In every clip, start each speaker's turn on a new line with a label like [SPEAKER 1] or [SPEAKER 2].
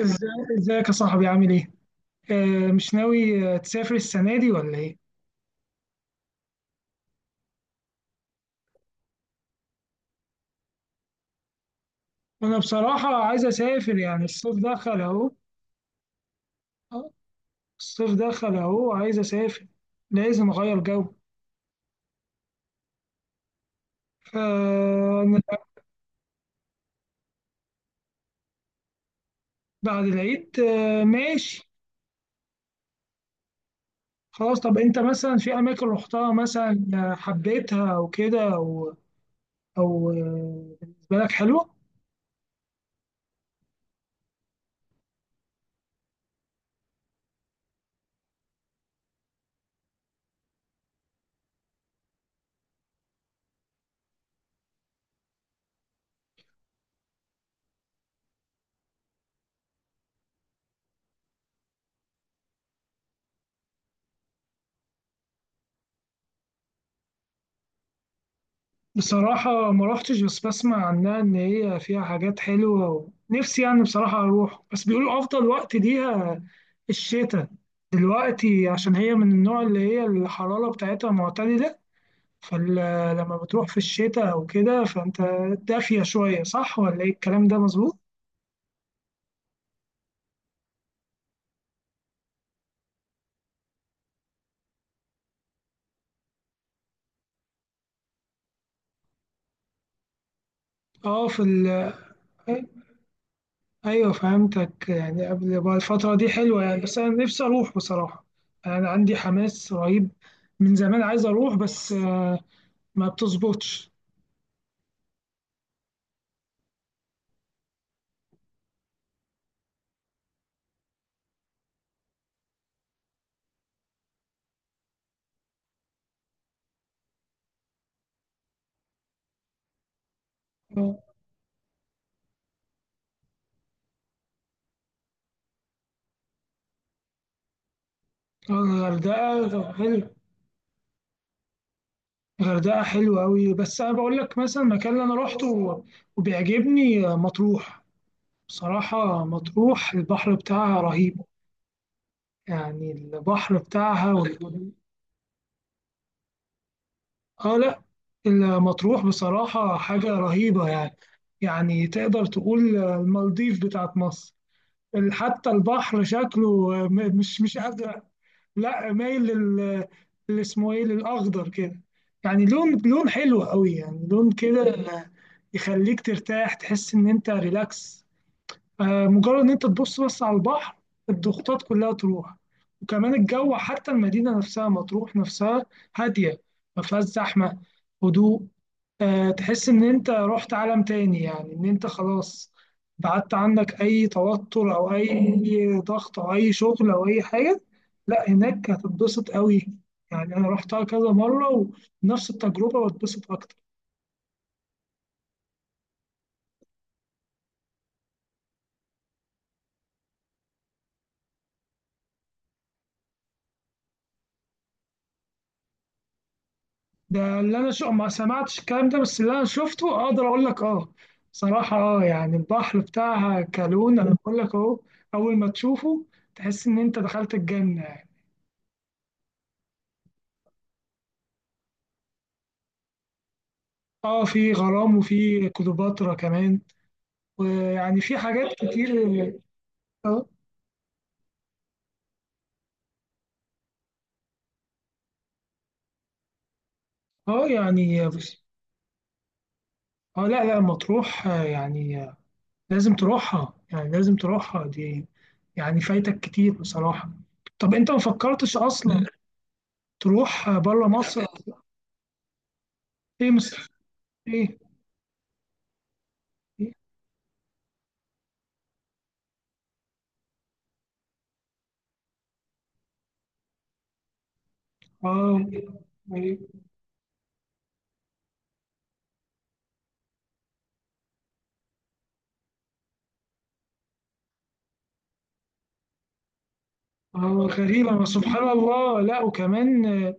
[SPEAKER 1] ازاي ازيك يا صاحبي، عامل ايه؟ آه مش ناوي آه، تسافر السنة دي ولا ايه؟ انا بصراحة عايز اسافر، يعني الصيف دخل اهو. آه، الصيف دخل اهو، عايز اسافر. لازم اغير جو. فأنا بعد العيد آه ماشي. خلاص. طب انت مثلا في اماكن رحتها مثلا حبيتها او كده او او آه، بالنسبة لك حلوة؟ بصراحة ما روحتش، بس بسمع عنها إن هي فيها حاجات حلوة ونفسي يعني بصراحة أروح، بس بيقولوا أفضل وقت ليها الشتاء دلوقتي، عشان هي من النوع اللي هي الحرارة بتاعتها معتدلة. فلما بتروح في الشتاء أو كده فأنت دافية شوية، صح ولا إيه الكلام ده مظبوط؟ أه في ال... أيوه فهمتك، يعني قبل بقى الفترة دي حلوة يعني، بس أنا نفسي أروح بصراحة. أنا عندي حماس رهيب، من زمان عايز أروح، بس آه، ما بتظبطش. آه. الغردقة طب حلو. الغردقة حلوة أوي، بس أنا بقول لك مثلا المكان اللي أنا روحته وبيعجبني مطروح. بصراحة مطروح البحر بتاعها رهيب، يعني البحر بتاعها آه لا، المطروح بصراحة حاجة رهيبة يعني، يعني تقدر تقول المالديف بتاعت مصر. حتى البحر شكله مش أزرق، لا مايل اللي اسمه ايه، للاخضر كده. يعني لون، لون حلو قوي، يعني لون كده يخليك ترتاح، تحس ان انت ريلاكس. مجرد ان انت تبص بس على البحر، الضغوطات كلها تروح. وكمان الجو، حتى المدينة نفسها مطروح نفسها هادية، ما فيهاش زحمة، هدوء. تحس إن أنت رحت عالم تاني، يعني إن أنت خلاص بعدت عنك أي توتر أو أي ضغط أو أي شغل أو أي حاجة. لا هناك هتتبسط قوي. يعني أنا رحتها كذا مرة ونفس التجربة واتبسط أكتر. ده اللي أنا ما سمعتش الكلام ده، بس اللي أنا شفته أقدر أقول لك أه. صراحة أه، يعني البحر بتاعها كالون أنا بقول لك أهو، أول ما تشوفه تحس إن أنت دخلت الجنة. أه، في غرام وفي كليوباترا كمان، ويعني في حاجات كتير. اه اه يعني بس. اه لا لا، مطروح لازم تروحها، يعني لازم تروحها دي، يعني فايتك كتير بصراحة. طب انت ما فكرتش اصلا تروح بره مصر؟ ايه مصر. ايه. إيه؟ اه. إيه؟ اه. غريبة، ما سبحان الله، لا وكمان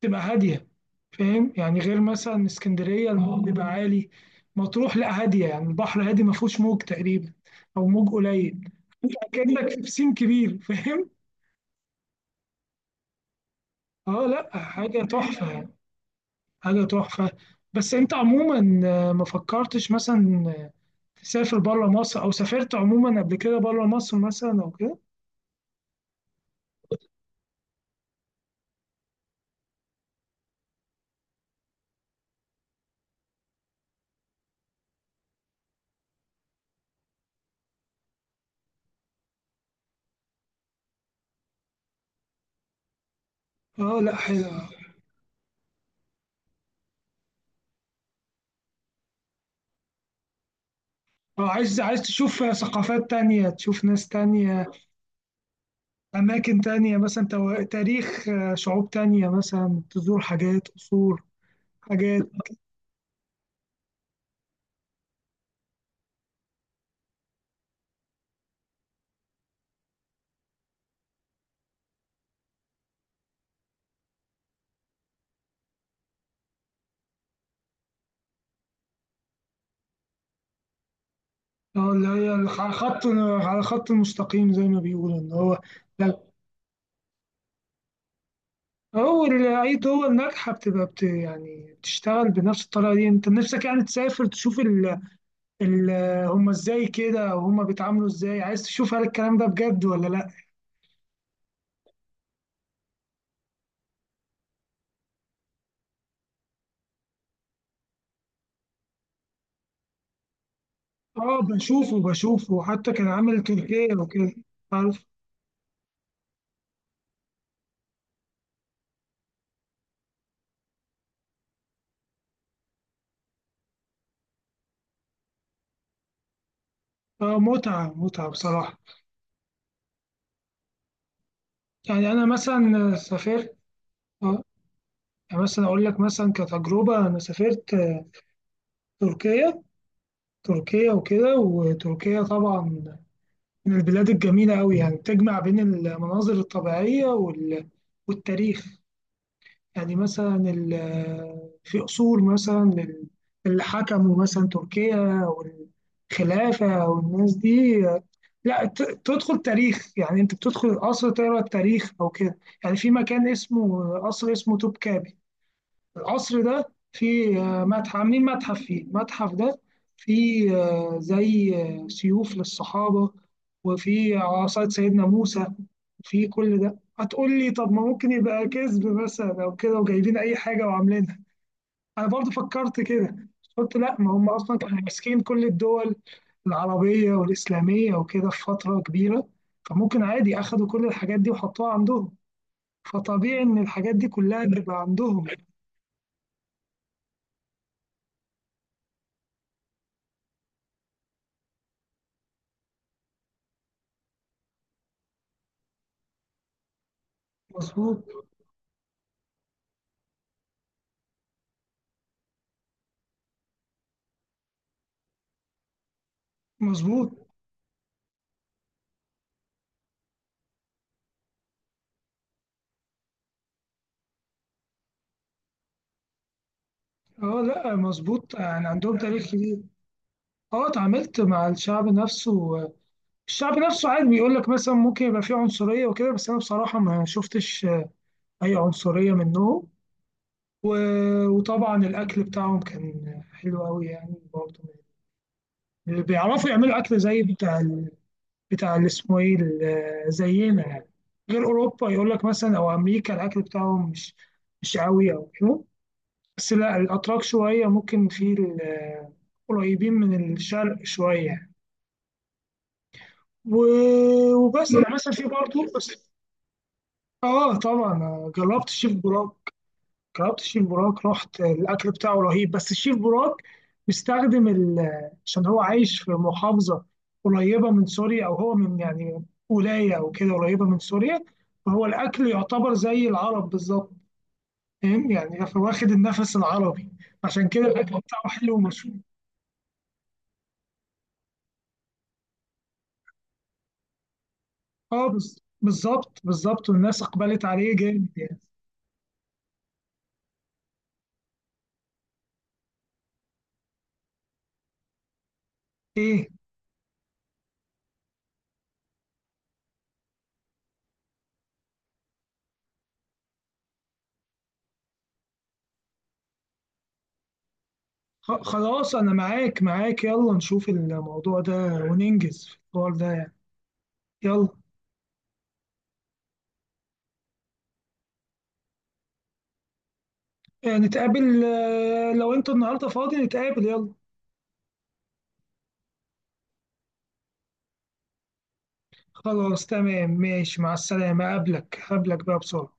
[SPEAKER 1] تبقى هادية، فاهم يعني؟ غير مثلا اسكندرية الموج بيبقى عالي، مطروح لا هادية، يعني البحر هادي ما فيهوش موج تقريبا، او موج قليل. كأنك في بسين كبير، فاهم؟ اه لا، حاجة تحفة يعني، حاجة تحفة. بس انت عموما ما فكرتش مثلا تسافر بره مصر، او سافرت عموما قبل كده بره مصر مثلا او كده؟ اه لا حلو. اه عايز، عايز تشوف ثقافات تانية، تشوف ناس تانية، أماكن تانية، مثلا تاريخ شعوب تانية، مثلا تزور حاجات، قصور، حاجات. اه اللي هي على خط، على خط المستقيم زي ما بيقولوا، ان هو هو اي دول ناجحه بتبقى بت يعني بتشتغل بنفس الطريقه دي. انت نفسك يعني تسافر تشوف ال ال هم ازاي كده، وهم بيتعاملوا ازاي، عايز تشوف هل الكلام ده بجد ولا لا. اه بشوفه بشوفه، حتى كان عامل تركيا وكده، عارف. اه متعه، متعه بصراحه. يعني انا مثلا سافرت اه يعني مثلا اقول لك مثلا كتجربه انا سافرت تركيا. تركيا وكده وتركيا طبعا من البلاد الجميلة أوي، يعني تجمع بين المناظر الطبيعية والتاريخ. يعني مثلا في أصول مثلا اللي حكموا مثلا تركيا والخلافة والناس دي. لا ت... تدخل تاريخ، يعني أنت بتدخل القصر تقرأ التاريخ أو كده. يعني في مكان اسمه قصر، اسمه توبكابي. القصر ده فيه متحف، عاملين متحف فيه. المتحف ده فيه آه، زي آه، سيوف للصحابة، وفيه عصاية سيدنا موسى، وفيه كل ده. هتقول لي طب ما ممكن يبقى كذب مثلا أو كده، وجايبين أي حاجة وعاملينها. أنا برضو فكرت كده. قلت لأ، ما هم أصلا كانوا ماسكين كل الدول العربية والإسلامية وكده في فترة كبيرة، فممكن عادي أخدوا كل الحاجات دي وحطوها عندهم، فطبيعي إن الحاجات دي كلها تبقى عندهم. مظبوط، مظبوط. اه لا مظبوط، يعني عندهم تاريخ كبير. اه اتعاملت مع الشعب نفسه. الشعب نفسه عادي، بيقول لك مثلا ممكن يبقى فيه عنصرية وكده، بس انا بصراحة ما شفتش اي عنصرية منهم. و- وطبعا الاكل بتاعهم كان حلو قوي يعني برضه، بيعرفوا يعملوا اكل زي بتاع بتاع اللي اسمه ايه زينا يعني. غير اوروبا، يقول لك مثلا او امريكا الاكل بتاعهم مش، مش قوي او كده. بس لا الاتراك شوية ممكن في قريبين من الشرق شوية. و- وبس انا مثلا في برضه بس. اه طبعا جربت الشيف براك. جربت الشيف براك، رحت، الاكل بتاعه رهيب. بس الشيف براك بيستخدم عشان هو عايش في محافظه قريبه من سوريا، او هو من يعني ولايه او كده قريبه من سوريا. فهو الاكل يعتبر زي العرب بالظبط، فاهم يعني؟ واخد النفس العربي، عشان كده الاكل بتاعه حلو ومشهور. اه بالظبط بالظبط، والناس اقبلت عليه جامد يعني. ايه؟ خلاص أنا معاك، معاك، يلا نشوف الموضوع ده وننجز في الحوار ده يعني. يلا. نتقابل لو أنت النهاردة فاضي نتقابل، يلا. خلاص تمام، ماشي، مع السلامة، أقابلك أقابلك بقى بسرعة.